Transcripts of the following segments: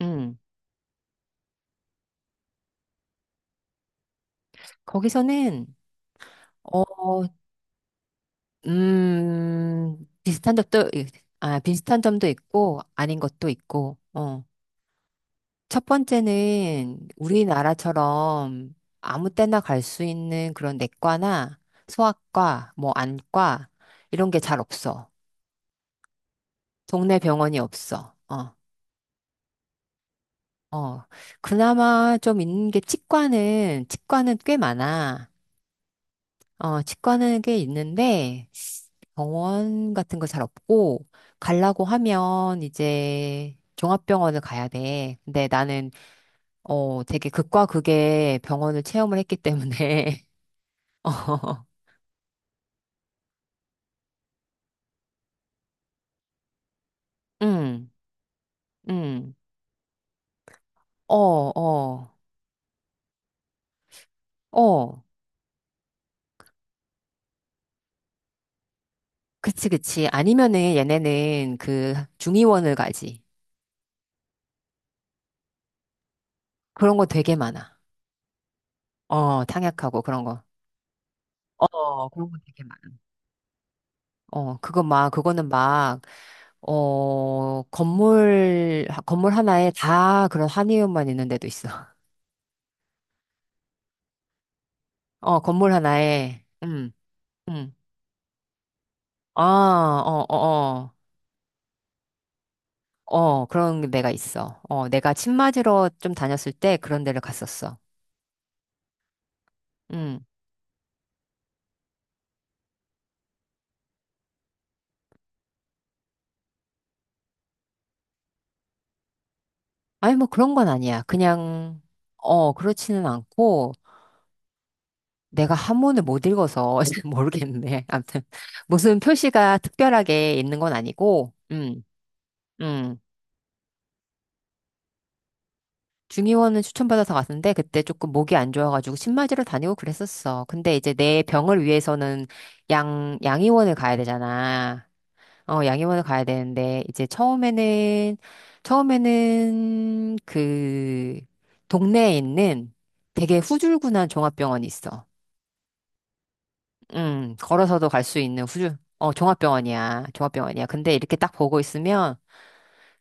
음, 거기서는, 어, 음, 비슷한 점도, 아, 비슷한 점도 있고, 아닌 것도 있고, 어. 첫 번째는 우리나라처럼 아무 때나 갈 수 있는 그런 내과나 소아과, 안과, 이런 게 잘 없어. 동네 병원이 없어. 어. 그나마 좀 있는 게 치과는 꽤 많아. 어, 치과는 꽤 있는데, 병원 같은 거 잘 없고, 가려고 하면 이제 종합병원을 가야 돼. 근데 나는, 어, 되게 극과 극의 병원을 체험을 했기 때문에, 어, 응, 응, 어, 어, 어. 그치, 그치. 아니면은 얘네는 그 중의원을 가지. 그런 거 되게 많아. 어, 탕약하고 그런 거. 어, 그런 거 되게 많아. 어, 그거 막, 그거는 막, 어, 건물 하나에 다 그런 한의원만 있는 데도 있어. 어, 건물 하나에, 음. 아, 어, 어, 어. 어, 그런 데가 있어. 어, 내가 침 맞으러 좀 다녔을 때 그런 데를 갔었어. 음. 아니, 뭐 그런 건 아니야. 그냥, 어, 그렇지는 않고, 내가 한문을 못 읽어서 모르겠네. 아무튼, 무슨 표시가 특별하게 있는 건 아니고, 음. 중의원은 추천받아서 갔는데 그때 조금 목이 안 좋아가지고 신마지로 다니고 그랬었어. 근데 이제 내 병을 위해서는 양의원을 가야 되잖아. 어, 양의원을 가야 되는데 이제 처음에는 그 동네에 있는 되게 후줄근한 종합병원이 있어. 걸어서도 갈 수 있는 종합병원이야. 종합병원이야. 근데 이렇게 딱 보고 있으면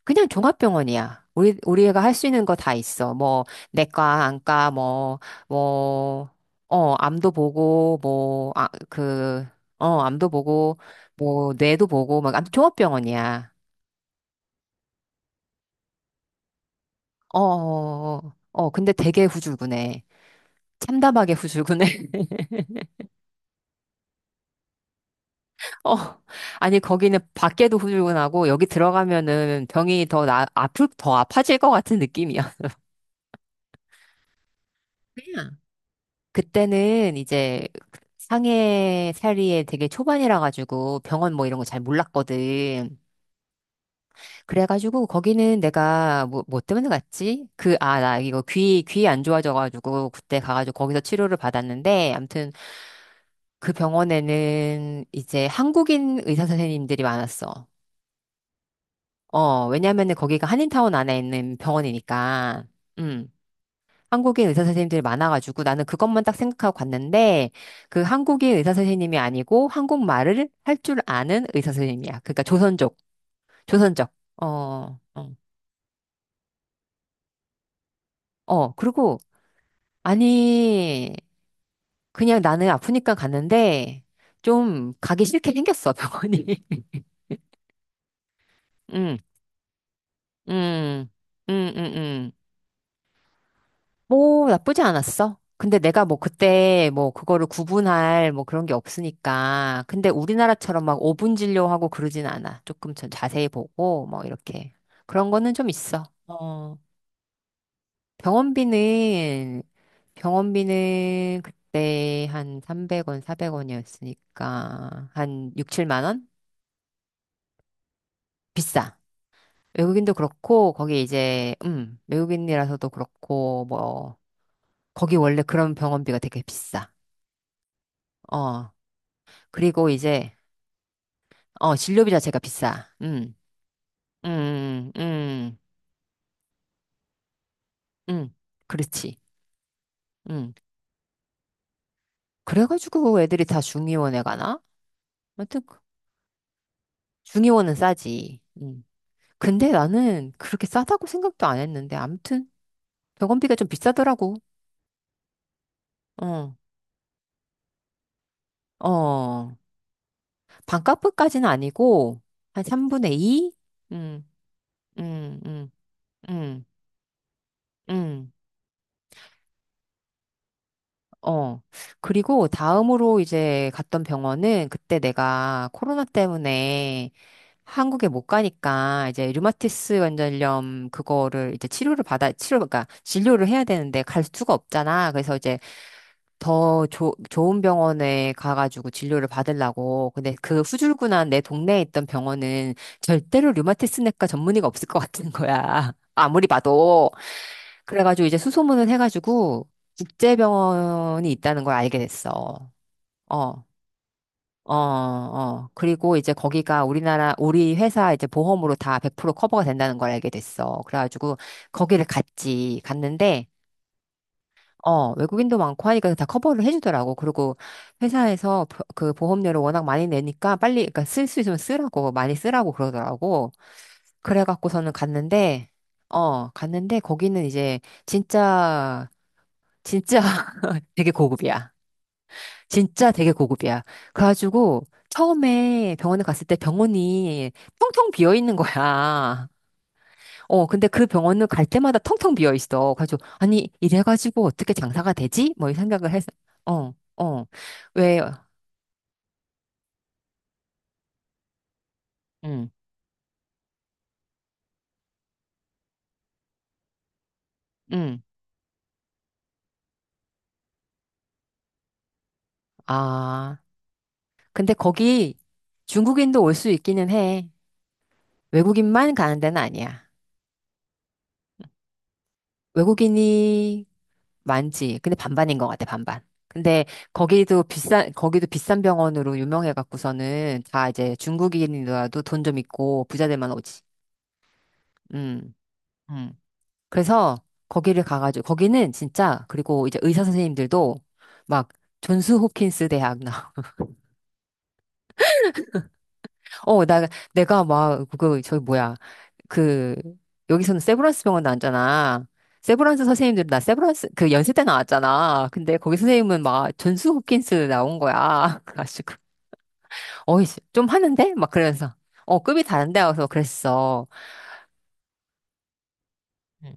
그냥 종합병원이야. 우리가 할 수 있는 거 다 있어. 뭐, 내과, 안과, 뭐, 어, 암도 보고, 어, 암도 보고, 뭐, 뇌도 보고, 막, 아무튼 종합병원이야. 근데 되게 후줄근해. 참담하게 후줄근해. 어, 아니, 거기는 밖에도 후줄근하고, 여기 들어가면은 병이 더 나, 아플, 더 아파질 것 같은 느낌이야. 그냥 그때는 이제 상해 살이에 되게 초반이라 가지고 병원 뭐 이런 거 잘 몰랐거든. 그래가지고 거기는 내가 뭐 때문에 갔지? 나 이거 귀 안 좋아져가지고 그때 가가지고 거기서 치료를 받았는데 아무튼 그 병원에는 이제 한국인 의사 선생님들이 많았어. 어, 왜냐면은 거기가 한인타운 안에 있는 병원이니까. 음. 한국인 의사 선생님들이 많아가지고 나는 그것만 딱 생각하고 갔는데 그 한국인 의사 선생님이 아니고 한국말을 할 줄 아는 의사 선생님이야. 그러니까 조선족, 조선족. 어, 어, 그리고 아니 그냥 나는 아프니까 갔는데 좀 가기 싫게 생겼어 병원이. 응, 응, 응. 뭐 나쁘지 않았어. 근데 내가 뭐 그때 뭐 그거를 구분할 뭐 그런 게 없으니까. 근데 우리나라처럼 막 5분 진료하고 그러진 않아. 조금 전 자세히 보고 뭐 이렇게. 그런 거는 좀 있어. 어. 병원비는 병원비는 그때 한 300원, 400원이었으니까 한 6, 7만 원? 비싸. 외국인도 그렇고 거기 이제 외국인이라서도 그렇고 뭐 거기 원래 그런 병원비가 되게 비싸. 어. 그리고 이제, 어, 진료비 자체가 비싸. 음, 음, 음, 음. 그렇지. 음. 그래가지고 애들이 다 중의원에 가나? 아무튼, 그- 중의원은 싸지. 음. 근데 나는 그렇게 싸다고 생각도 안 했는데, 아무튼, 병원비가 좀 비싸더라고. 어, 어. 반값까지는 아니고, 한 3분의 2? 음, 음, 음, 음, 음. 어. 그리고 다음으로 이제 갔던 병원은 그때 내가 코로나 때문에 한국에 못 가니까 이제 류마티스 관절염 그거를 이제 그러니까 진료를 해야 되는데 갈 수가 없잖아. 그래서 이제 좋은 병원에 가가지고 진료를 받으려고. 근데 그 후줄근한 내 동네에 있던 병원은 절대로 류마티스 내과 전문의가 없을 것 같은 거야. 아무리 봐도. 그래가지고 이제 수소문을 해가지고 국제병원이 있다는 걸 알게 됐어. 어, 그리고 이제 거기가 우리나라, 우리 회사 이제 보험으로 다 100% 커버가 된다는 걸 알게 됐어. 그래가지고 거기를 갔지. 갔는데, 어, 외국인도 많고 하니까 다 커버를 해주더라고. 그리고 회사에서 그 보험료를 워낙 많이 내니까 빨리, 그러니까 쓸 수 있으면 쓰라고, 많이 쓰라고 그러더라고. 그래갖고서는 갔는데, 어, 갔는데 거기는 이제 진짜 진짜 되게 고급이야. 진짜 되게 고급이야. 그래가지고 처음에 병원에 갔을 때 병원이 텅텅 비어 있는 거야. 어, 근데 그 병원은 갈 때마다 텅텅 비어 있어. 그래가지고 아니 이래가지고 어떻게 장사가 되지? 뭐 이 생각을 해서 어, 어, 왜? 응, 응. 아, 근데 거기 중국인도 올 수 있기는 해. 외국인만 가는 데는 아니야. 외국인이 많지. 근데 반반인 것 같아, 반반. 근데 거기도 비싼 병원으로 유명해 갖고서는 다 이제 중국인이라도 돈 좀 있고 부자들만 오지. 음, 음. 그래서 거기를 가가지고, 거기는 진짜, 그리고 이제 의사 선생님들도 막 존스 호킨스 대학 어, 나, 내가 막, 그, 저기 뭐야. 그, 여기서는 세브란스 병원 나왔잖아. 세브란스 선생님들, 나 세브란스, 그 연세 때 나왔잖아. 근데 거기 선생님은 막 존스 홉킨스 나온 거야. 그래가지고, 어이, 좀 하는데? 막 그러면서, 어, 급이 다른데? 와서 그랬어. 음.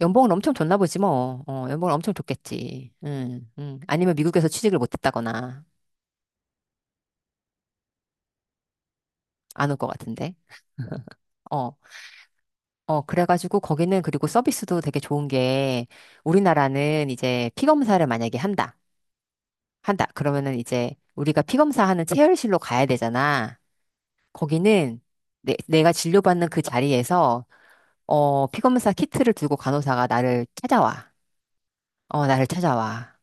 연봉은 엄청 줬나 보지 뭐. 어, 연봉은 엄청 줬겠지. 응, 응. 아니면 미국에서 취직을 못 했다거나, 안 올 것 같은데. 어. 어, 그래가지고 거기는 그리고 서비스도 되게 좋은 게 우리나라는 이제 피 검사를 만약에 한다. 한다. 그러면은 이제 우리가 피 검사하는 체열실로 가야 되잖아. 거기는 가 진료받는 그 자리에서 어, 피 검사 키트를 들고 간호사가 나를 찾아와. 어, 나를 찾아와.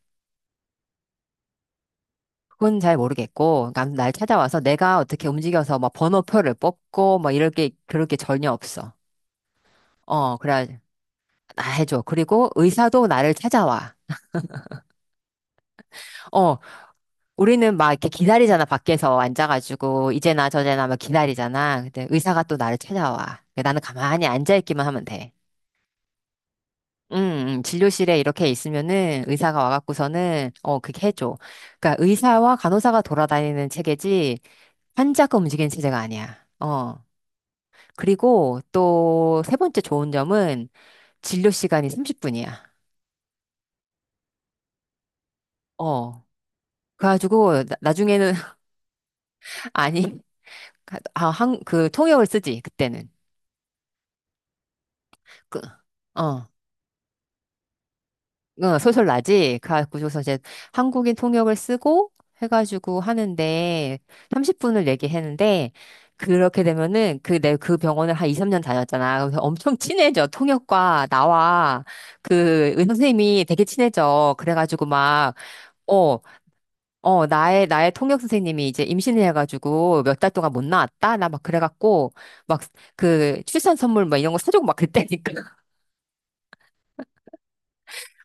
그건 잘 모르겠고, 날 찾아와서 내가 어떻게 움직여서 막 번호표를 뽑고 뭐 이럴 게 그럴 게 전혀 없어. 어, 그래. 나 해줘. 그리고 의사도 나를 찾아와. 어, 우리는 막 이렇게 기다리잖아, 밖에서 앉아가지고, 이제나 저제나 막 기다리잖아. 근데 의사가 또 나를 찾아와. 근데 나는 가만히 앉아있기만 하면 돼. 음, 진료실에 이렇게 있으면은 의사가 와갖고서는, 어, 그렇게 해줘. 그러니까 의사와 간호사가 돌아다니는 체계지, 환자가 움직이는 체제가 아니야. 어. 그리고 또 세 번째 좋은 점은 진료 시간이 30분이야. 어. 그래가지고, 나중에는, 아니, 그 통역을 쓰지, 그때는. 그, 어. 어, 소설나지? 그래가지고서 이제 한국인 통역을 쓰고 해가지고 하는데 30분을 얘기했는데 그렇게 되면은 그 내 그 병원을 한 2, 3년 다녔잖아. 그래서 엄청 친해져. 통역과 나와 그 의사 선생님이 되게 친해져. 그래가지고 막 어, 나의 통역 선생님이 이제 임신을 해가지고 몇 달 동안 못 나왔다. 나 막 그래갖고 막 그 출산 선물 막 이런 거 사주고 막 그랬다니까.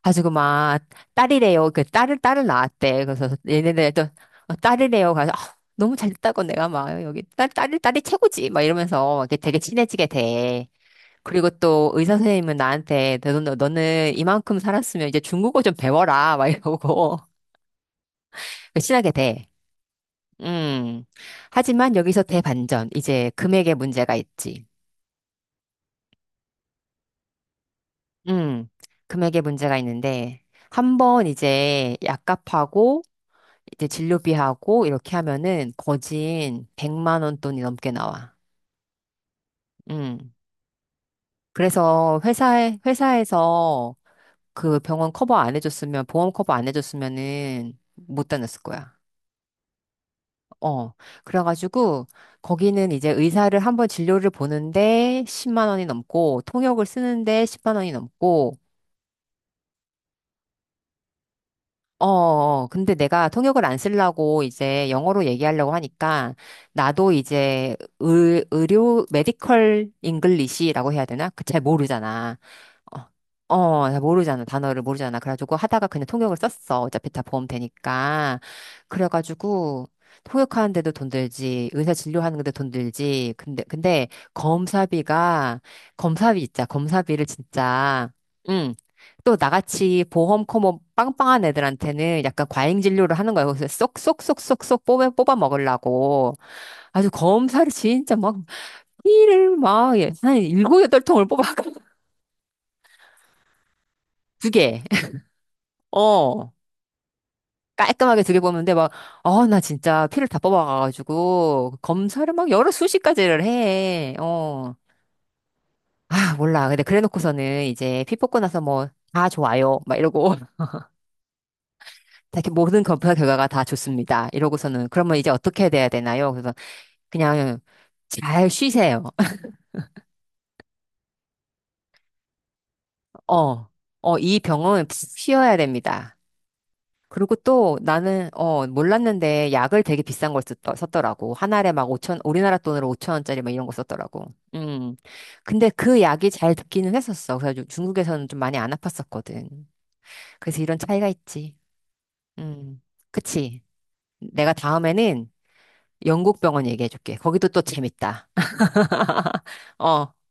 가지고 막 딸이래요. 딸을 낳았대. 그래서 얘네들 또 어, 딸이래요. 가서 아, 너무 잘 됐다고 내가 막 여기 딸 딸이 딸이 최고지. 막 이러면서 이렇게 되게 친해지게 돼. 그리고 또 의사 선생님은 나한테 너는 이만큼 살았으면 이제 중국어 좀 배워라 막 이러고 친하게 돼. 음. 하지만 여기서 대반전. 이제 금액의 문제가 있지. 음. 금액의 문제가 있는데 한 번 이제 약값하고 이제 진료비하고 이렇게 하면은 거진 100만 원 돈이 넘게 나와. 음. 그래서 회사에서 그 병원 커버 안 해줬으면, 보험 커버 안 해줬으면은 못 다녔을 거야. 어. 그래가지고 거기는 이제 의사를 한번 진료를 보는데 10만 원이 넘고, 통역을 쓰는데 10만 원이 넘고, 근데 내가 통역을 안 쓰려고 이제 영어로 얘기하려고 하니까 나도 이제 의료, 메디컬 잉글리시라고 해야 되나? 그 잘 모르잖아. 어, 잘 모르잖아. 단어를 모르잖아. 그래가지고 하다가 그냥 통역을 썼어. 어차피 다 보험 되니까. 그래가지고 통역하는데도 돈 들지, 의사 진료하는데도 돈 들지. 근데 검사비가, 검사비 있자. 검사비를 진짜. 응. 또 나같이 보험 커머 빵빵한 애들한테는 약간 과잉 진료를 하는 거예요. 그래서 쏙쏙쏙쏙쏙 뽑아 먹으려고 아주 검사를 진짜 막 피를 막, 예, 한 일곱, 여덟 통을 뽑아. 두 개. 어. 깔끔하게 두 개 뽑는데 막, 어, 나 진짜 피를 다 뽑아가가지고 검사를 막 여러 수십 가지를 해. 어. 아, 몰라. 근데 그래 놓고서는 이제 피 뽑고 나서 뭐, 다 좋아요. 막 이러고. 다 이렇게 모든 검사 결과가 다 좋습니다. 이러고서는 그러면 이제 어떻게 돼야 되나요? 그래서 그냥 잘 쉬세요. 어, 이 병은 푹 쉬어야 됩니다. 그리고 또 나는, 어, 몰랐는데 약을 되게 비싼 걸 썼더라고. 한 알에 막 오천 우리나라 돈으로 5천 원짜리 막 이런 거 썼더라고. 음. 근데 그 약이 잘 듣기는 했었어. 그래서 좀 중국에서는 좀 많이 안 아팠었거든. 그래서 이런 차이가 있지. 음. 그치. 내가 다음에는 영국 병원 얘기해 줄게. 거기도 또 재밌다. 어.